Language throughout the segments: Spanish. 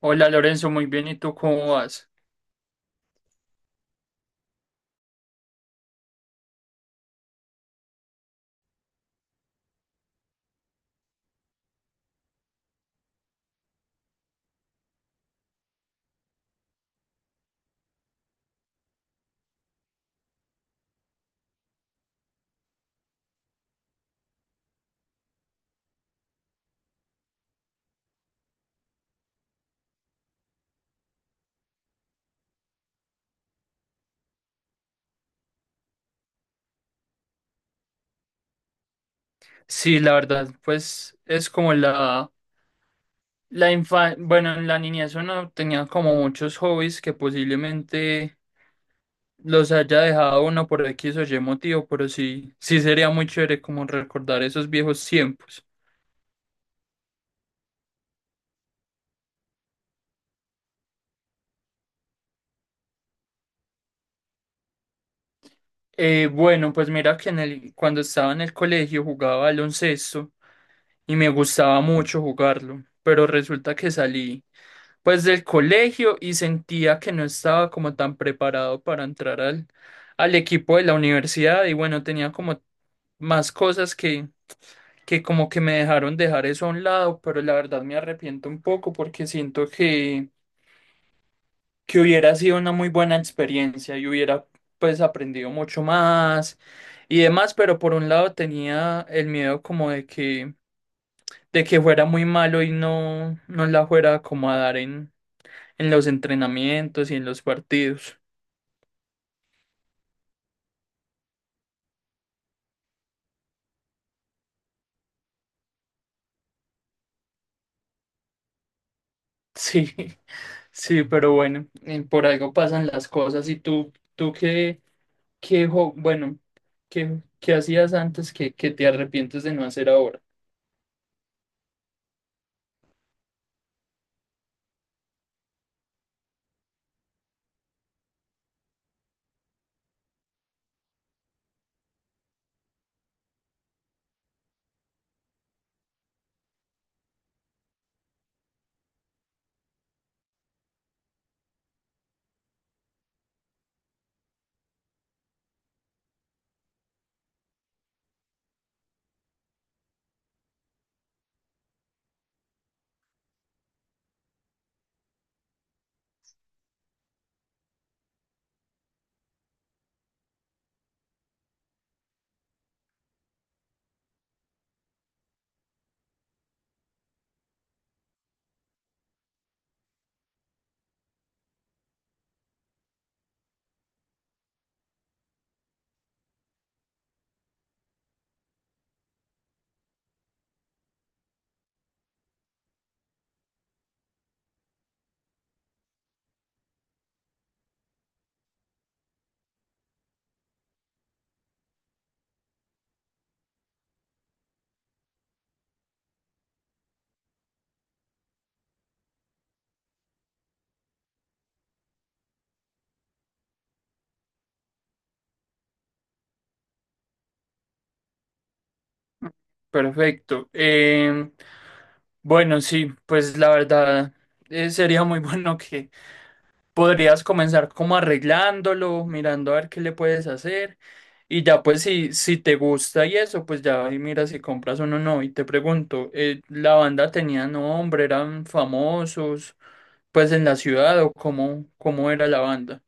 Hola Lorenzo, muy bien, ¿y tú cómo vas? Sí, la verdad, pues es como la infancia, bueno, en la niñez uno tenía como muchos hobbies que posiblemente los haya dejado uno por X o Y motivo, pero sí, sí sería muy chévere como recordar esos viejos tiempos. Bueno, pues mira que cuando estaba en el colegio jugaba baloncesto y me gustaba mucho jugarlo, pero resulta que salí pues del colegio y sentía que no estaba como tan preparado para entrar al equipo de la universidad y bueno, tenía como más cosas que como que me dejaron dejar eso a un lado, pero la verdad me arrepiento un poco porque siento que hubiera sido una muy buena experiencia y hubiera pues aprendido mucho más y demás, pero por un lado tenía el miedo como de que fuera muy malo y no no la fuera como a dar en los entrenamientos y en los partidos. Sí. Sí, pero bueno, por algo pasan las cosas y tú bueno, qué hacías antes que te arrepientes de no hacer ahora. Perfecto. Bueno, sí, pues la verdad sería muy bueno que podrías comenzar como arreglándolo, mirando a ver qué le puedes hacer y ya pues si, si te gusta y eso, pues ya ahí mira si compras uno o no. No. Y te pregunto, ¿la banda tenía nombre, eran famosos pues en la ciudad o cómo era la banda?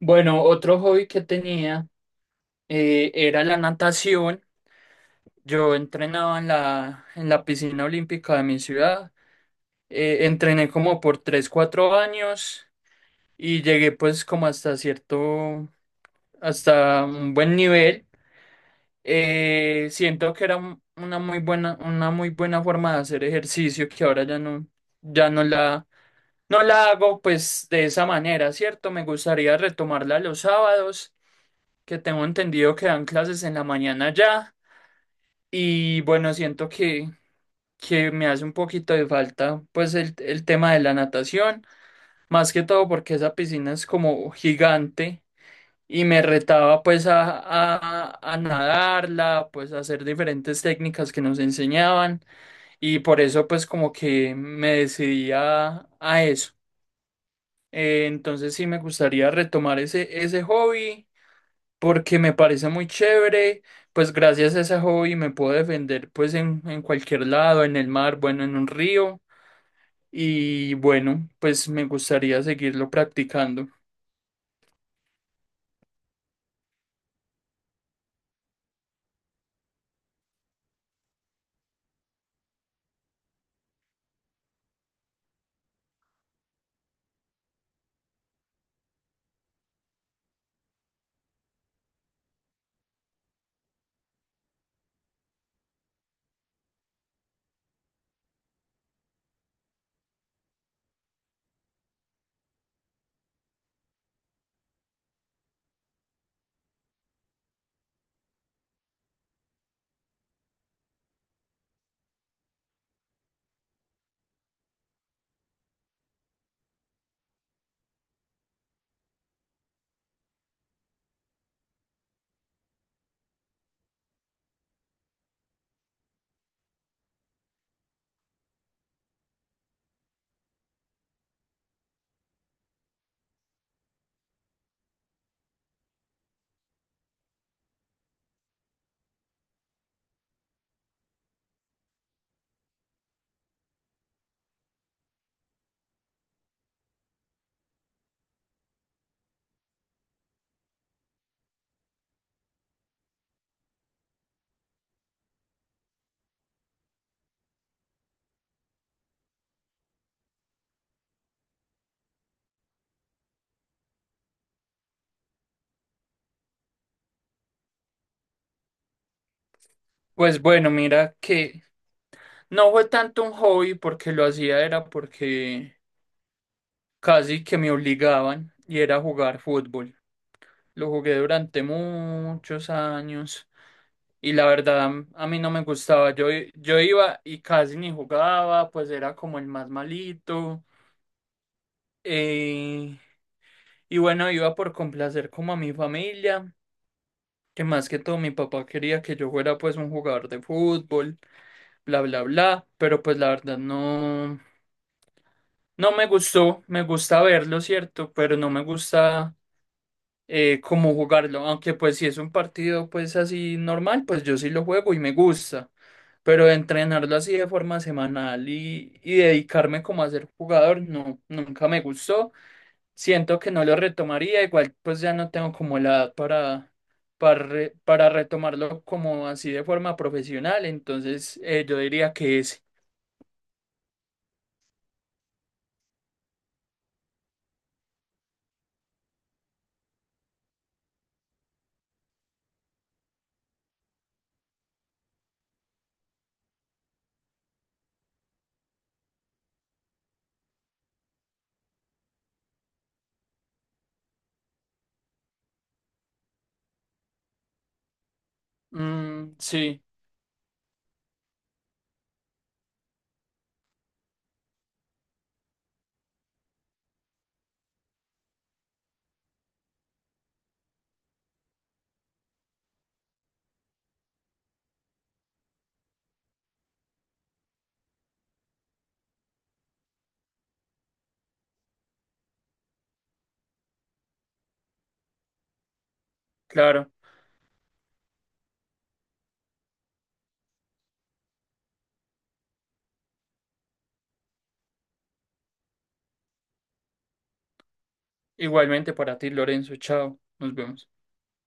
Bueno, otro hobby que tenía era la natación. Yo entrenaba en la piscina olímpica de mi ciudad. Entrené como por 3 4 años y llegué pues como hasta un buen nivel. Siento que era una muy buena forma de hacer ejercicio que ahora ya no la hago pues de esa manera, ¿cierto? Me gustaría retomarla los sábados, que tengo entendido que dan clases en la mañana ya. Y bueno, siento que me hace un poquito de falta, pues el tema de la natación, más que todo porque esa piscina es como gigante y me retaba pues a nadarla, pues a hacer diferentes técnicas que nos enseñaban y por eso pues como que me decidí a eso. Entonces sí me gustaría retomar ese hobby porque me parece muy chévere. Pues gracias a ese hobby me puedo defender pues en cualquier lado, en el mar, bueno, en un río. Y bueno, pues me gustaría seguirlo practicando. Pues bueno, mira que no fue tanto un hobby porque lo hacía era porque casi que me obligaban y era jugar fútbol. Lo jugué durante muchos años y la verdad a mí no me gustaba. Yo iba y casi ni jugaba, pues era como el más malito. eh, y bueno, iba por complacer como a mi familia, que más que todo mi papá quería que yo fuera pues un jugador de fútbol. Bla, bla, bla, pero pues la verdad no, no me gustó, me gusta verlo, ¿cierto? Pero no me gusta cómo jugarlo, aunque pues si es un partido pues así normal, pues yo sí lo juego y me gusta, pero entrenarlo así de forma semanal y dedicarme como a ser jugador, no, nunca me gustó, siento que no lo retomaría, igual pues ya no tengo como la edad para... Para retomarlo como así de forma profesional, entonces yo diría que es. Mm, sí, claro. Igualmente para ti, Lorenzo. Chao. Nos vemos.